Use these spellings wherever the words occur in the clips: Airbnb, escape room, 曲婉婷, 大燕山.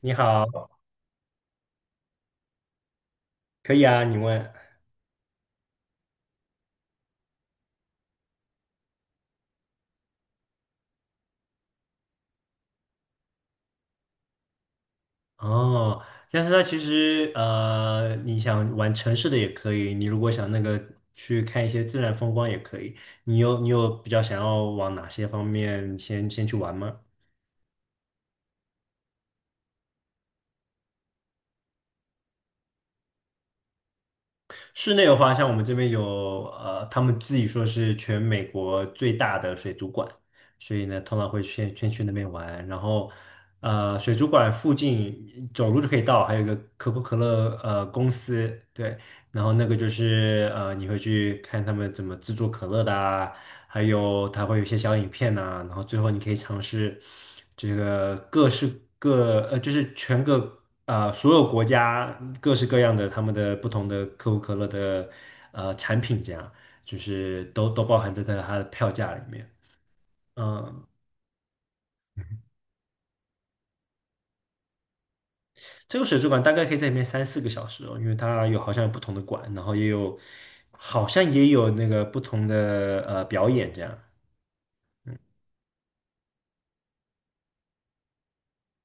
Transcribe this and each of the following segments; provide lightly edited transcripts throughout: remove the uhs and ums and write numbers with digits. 你好，可以啊，你问。哦，但是它其实你想玩城市的也可以，你如果想那个去看一些自然风光也可以。你有比较想要往哪些方面先去玩吗？室内的话，像我们这边有他们自己说是全美国最大的水族馆，所以呢，通常会先去那边玩，然后水族馆附近走路就可以到，还有一个可口可乐公司，对，然后那个就是你会去看他们怎么制作可乐的啊，还有它会有一些小影片呐、然后最后你可以尝试这个各式各呃，就是全个。呃，所有国家各式各样的他们的不同的可口可乐的产品，这样就是都包含在它的票价里面。嗯，这个水族馆大概可以在里面三四个小时哦，因为它有好像有不同的馆，然后也有好像也有那个不同的表演这样。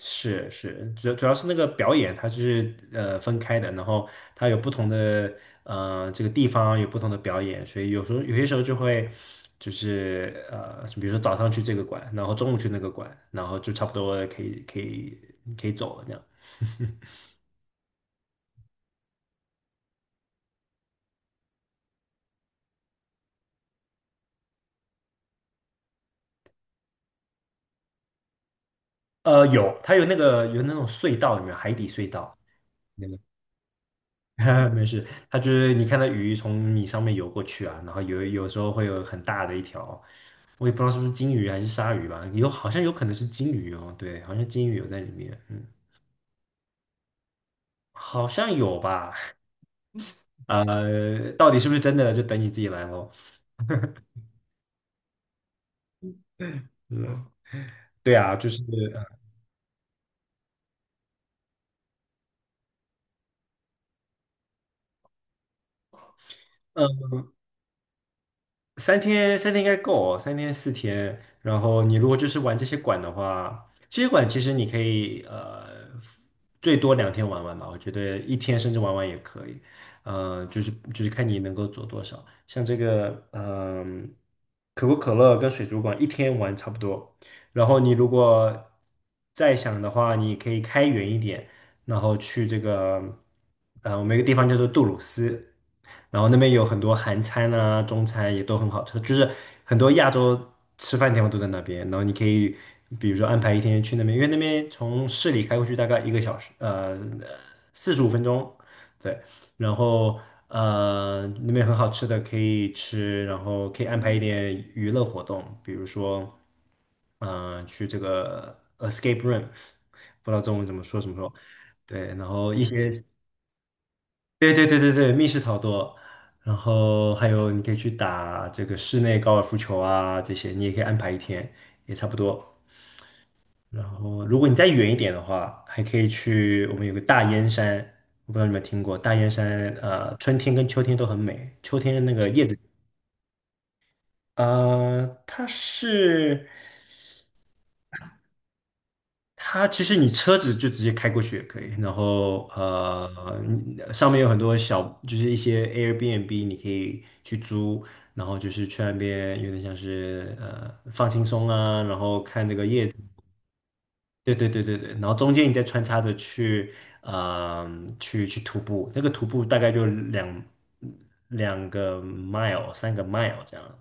是是，主要是那个表演它是分开的，然后它有不同的这个地方有不同的表演，所以有些时候就会就是比如说早上去这个馆，然后中午去那个馆，然后就差不多可以走了那样。有它有那个有那种隧道，里面海底隧道？没事，它就是你看到鱼从你上面游过去啊，然后有时候会有很大的一条，我也不知道是不是金鱼还是鲨鱼吧，有好像有可能是金鱼哦，对，好像金鱼有在里面，嗯，好像有吧，到底是不是真的就等你自己来咯。嗯，对啊，就是，嗯。三天应该够哦，三天四天。然后你如果就是玩这些馆的话，这些馆其实你可以最多2天玩玩吧，我觉得一天甚至玩玩也可以。就是看你能够做多少。像这个嗯、可口可乐跟水族馆一天玩差不多。然后你如果再想的话，你可以开远一点，然后去这个我们有一个地方叫做杜鲁斯。然后那边有很多韩餐啊、中餐也都很好吃，就是很多亚洲吃饭地方都在那边。然后你可以比如说安排一天去那边，因为那边从市里开过去大概1个小时，45分钟，对。然后那边很好吃的可以吃，然后可以安排一点娱乐活动，比如说嗯、去这个 escape room，不知道中文怎么说什么说，对，然后一些。对对对对对，密室逃脱，然后还有你可以去打这个室内高尔夫球啊，这些你也可以安排一天，也差不多。然后如果你再远一点的话，还可以去我们有个大燕山，我不知道你们听过大燕山，春天跟秋天都很美。呃，它是。它其实你车子就直接开过去也可以，然后你上面有很多小，就是一些 Airbnb 你可以去租，然后就是去那边有点像是放轻松啊，然后看这个叶子，对对对对对，然后中间你再穿插着去呃去徒步，那个徒步大概就两个 mile 3 mile 这样，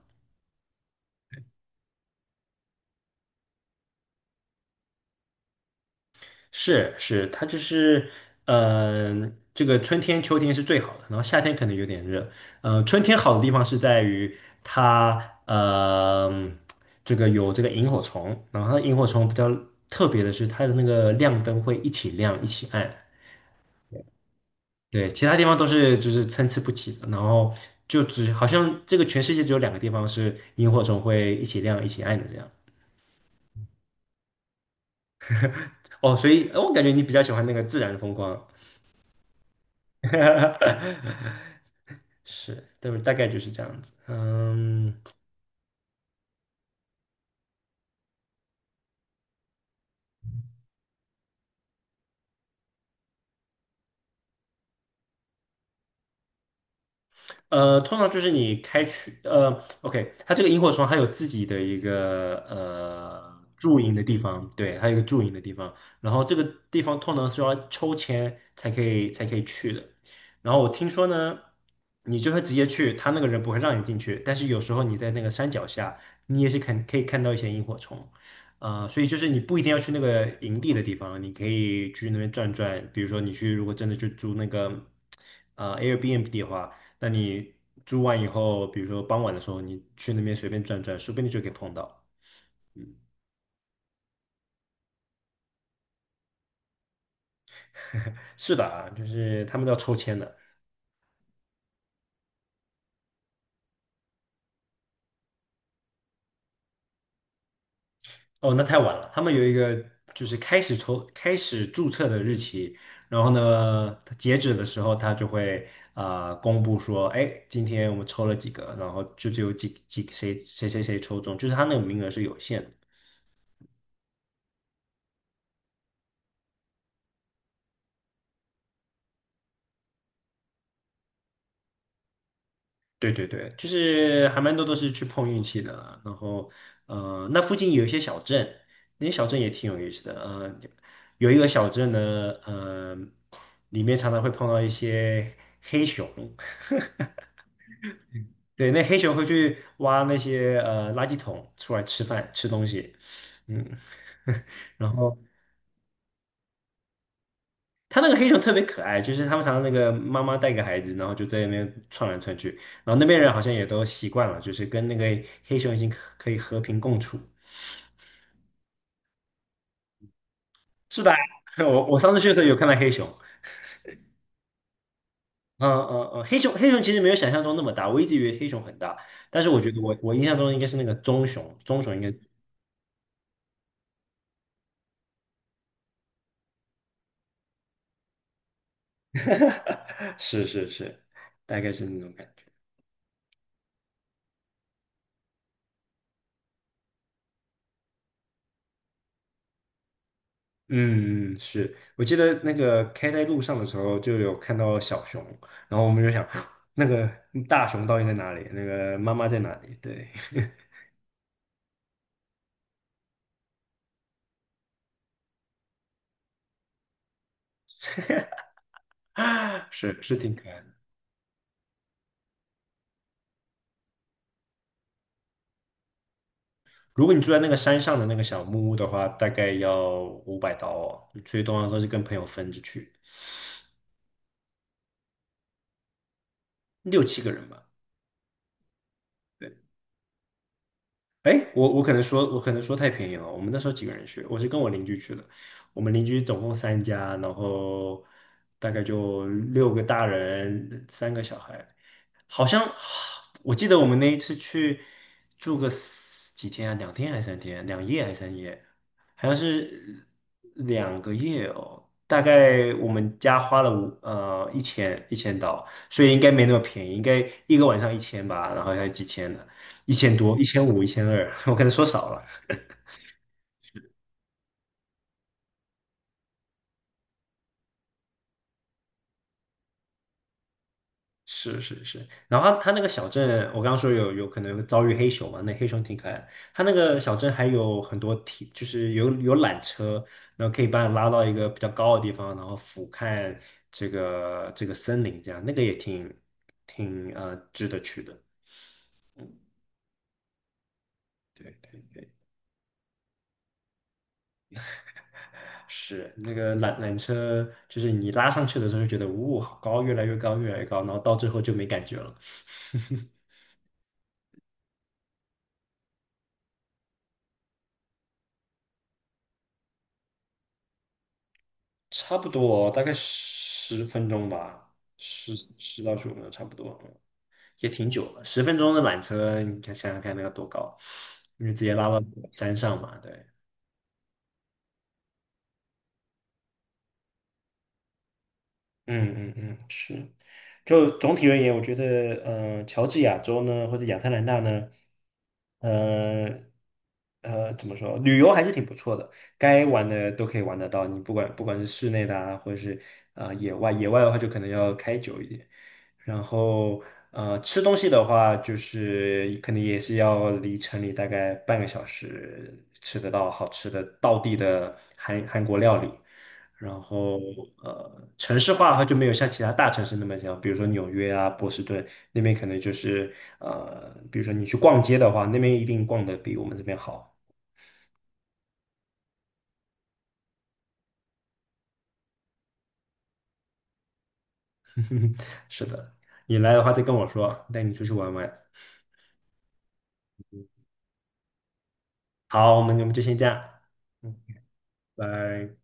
是是，它就是，嗯，这个春天、秋天是最好的，然后夏天可能有点热。嗯，春天好的地方是在于它，嗯，这个有这个萤火虫，然后它萤火虫比较特别的是它的那个亮灯会一起亮一起暗，对，其他地方都是就是参差不齐的，然后就只好像这个全世界只有2个地方是萤火虫会一起亮一起暗的这样。哦，所以我感觉你比较喜欢那个自然风光。是，对，大概就是这样子。嗯，通常就是你开去，OK，它这个萤火虫还有自己的一个驻营的地方，对，还有一个驻营的地方，然后这个地方通常是要抽签才可以去的。然后我听说呢，你就会直接去，他那个人不会让你进去，但是有时候你在那个山脚下，你也是看可以看到一些萤火虫，所以就是你不一定要去那个营地的地方，你可以去那边转转，比如说你去如果真的去租那个Airbnb 的话。那你住完以后，比如说傍晚的时候，你去那边随便转转，说不定就可以碰到。是的啊，就是他们都要抽签的。哦，那太晚了，他们有一个就是开始抽、开始注册的日期，然后呢，它截止的时候，他就会啊公布说，哎，今天我们抽了几个，然后就只有几几谁谁谁谁抽中，就是他那个名额是有限的。对对对，就是还蛮多都是去碰运气的啦。然后，那附近有一些小镇，那些小镇也挺有意思的。有一个小镇呢，呃，里面常常会碰到一些，对，那黑熊会去挖那些垃圾桶出来吃饭吃东西，嗯，然后它那个黑熊特别可爱，就是他们常常那个妈妈带个孩子，然后就在那边窜来窜去，然后那边人好像也都习惯了，就是跟那个黑熊已经可以和平共处。是吧？我上次去的时候有看到黑熊，嗯嗯嗯，黑熊其实没有想象中那么大，我一直以为黑熊很大，但是我觉得我印象中应该是那个棕熊，棕熊应该 是是是，大概是那种感觉。嗯嗯，是我记得那个开在路上的时候就有看到小熊，然后我们就想 那个大熊到底在哪里？那个妈妈在哪里？对，是是挺可爱的。如果你住在那个山上的那个小木屋的话，大概要500刀哦，所以通常都是跟朋友分着去。6、7个人吧。对，哎，我可能说太便宜了。我们那时候几个人去，我是跟我邻居去的。我们邻居总共3家，然后大概就6个大人，3个小孩。好像我记得我们那一次去住个四几天啊，2天还是3天，2夜还是3夜，好像是2个月哦。大概我们家花了一千刀，所以应该没那么便宜，应该一个晚上一千吧，然后还有几千呢，1000多、1500、1200，我可能说少了。是是是，然后他那个小镇，我刚刚说有可能遭遇黑熊嘛，那黑熊挺可爱的。它那个小镇还有很多铁，就是有缆车，然后可以把你拉到一个比较高的地方，然后俯瞰这个森林，这样那个也挺值得去的。对对，是那个缆车，就是你拉上去的时候就觉得，呜、好高，越来越高，越来越高，然后到最后就没感觉了。差不多大概10分钟吧，十10到15分钟差不多，嗯也挺久了。十分钟的缆车，你看想想看那要多高，因为直接拉到山上嘛，对。嗯嗯嗯，是。就总体而言，我觉得，乔治亚州呢，或者亚特兰大呢，呃怎么说，旅游还是挺不错的，该玩的都可以玩得到。你不管是室内的啊，或者是野外，野外的话就可能要开久一点。然后吃东西的话，就是可能也是要离城里大概半个小时吃得到好吃的道地的韩国料理。然后城市化的话就没有像其他大城市那么强，比如说纽约啊、波士顿那边可能就是比如说你去逛街的话，那边一定逛的比我们这边好。是的，你来的话再跟我说，带你出去玩玩。好，我们就先这样，嗯，拜。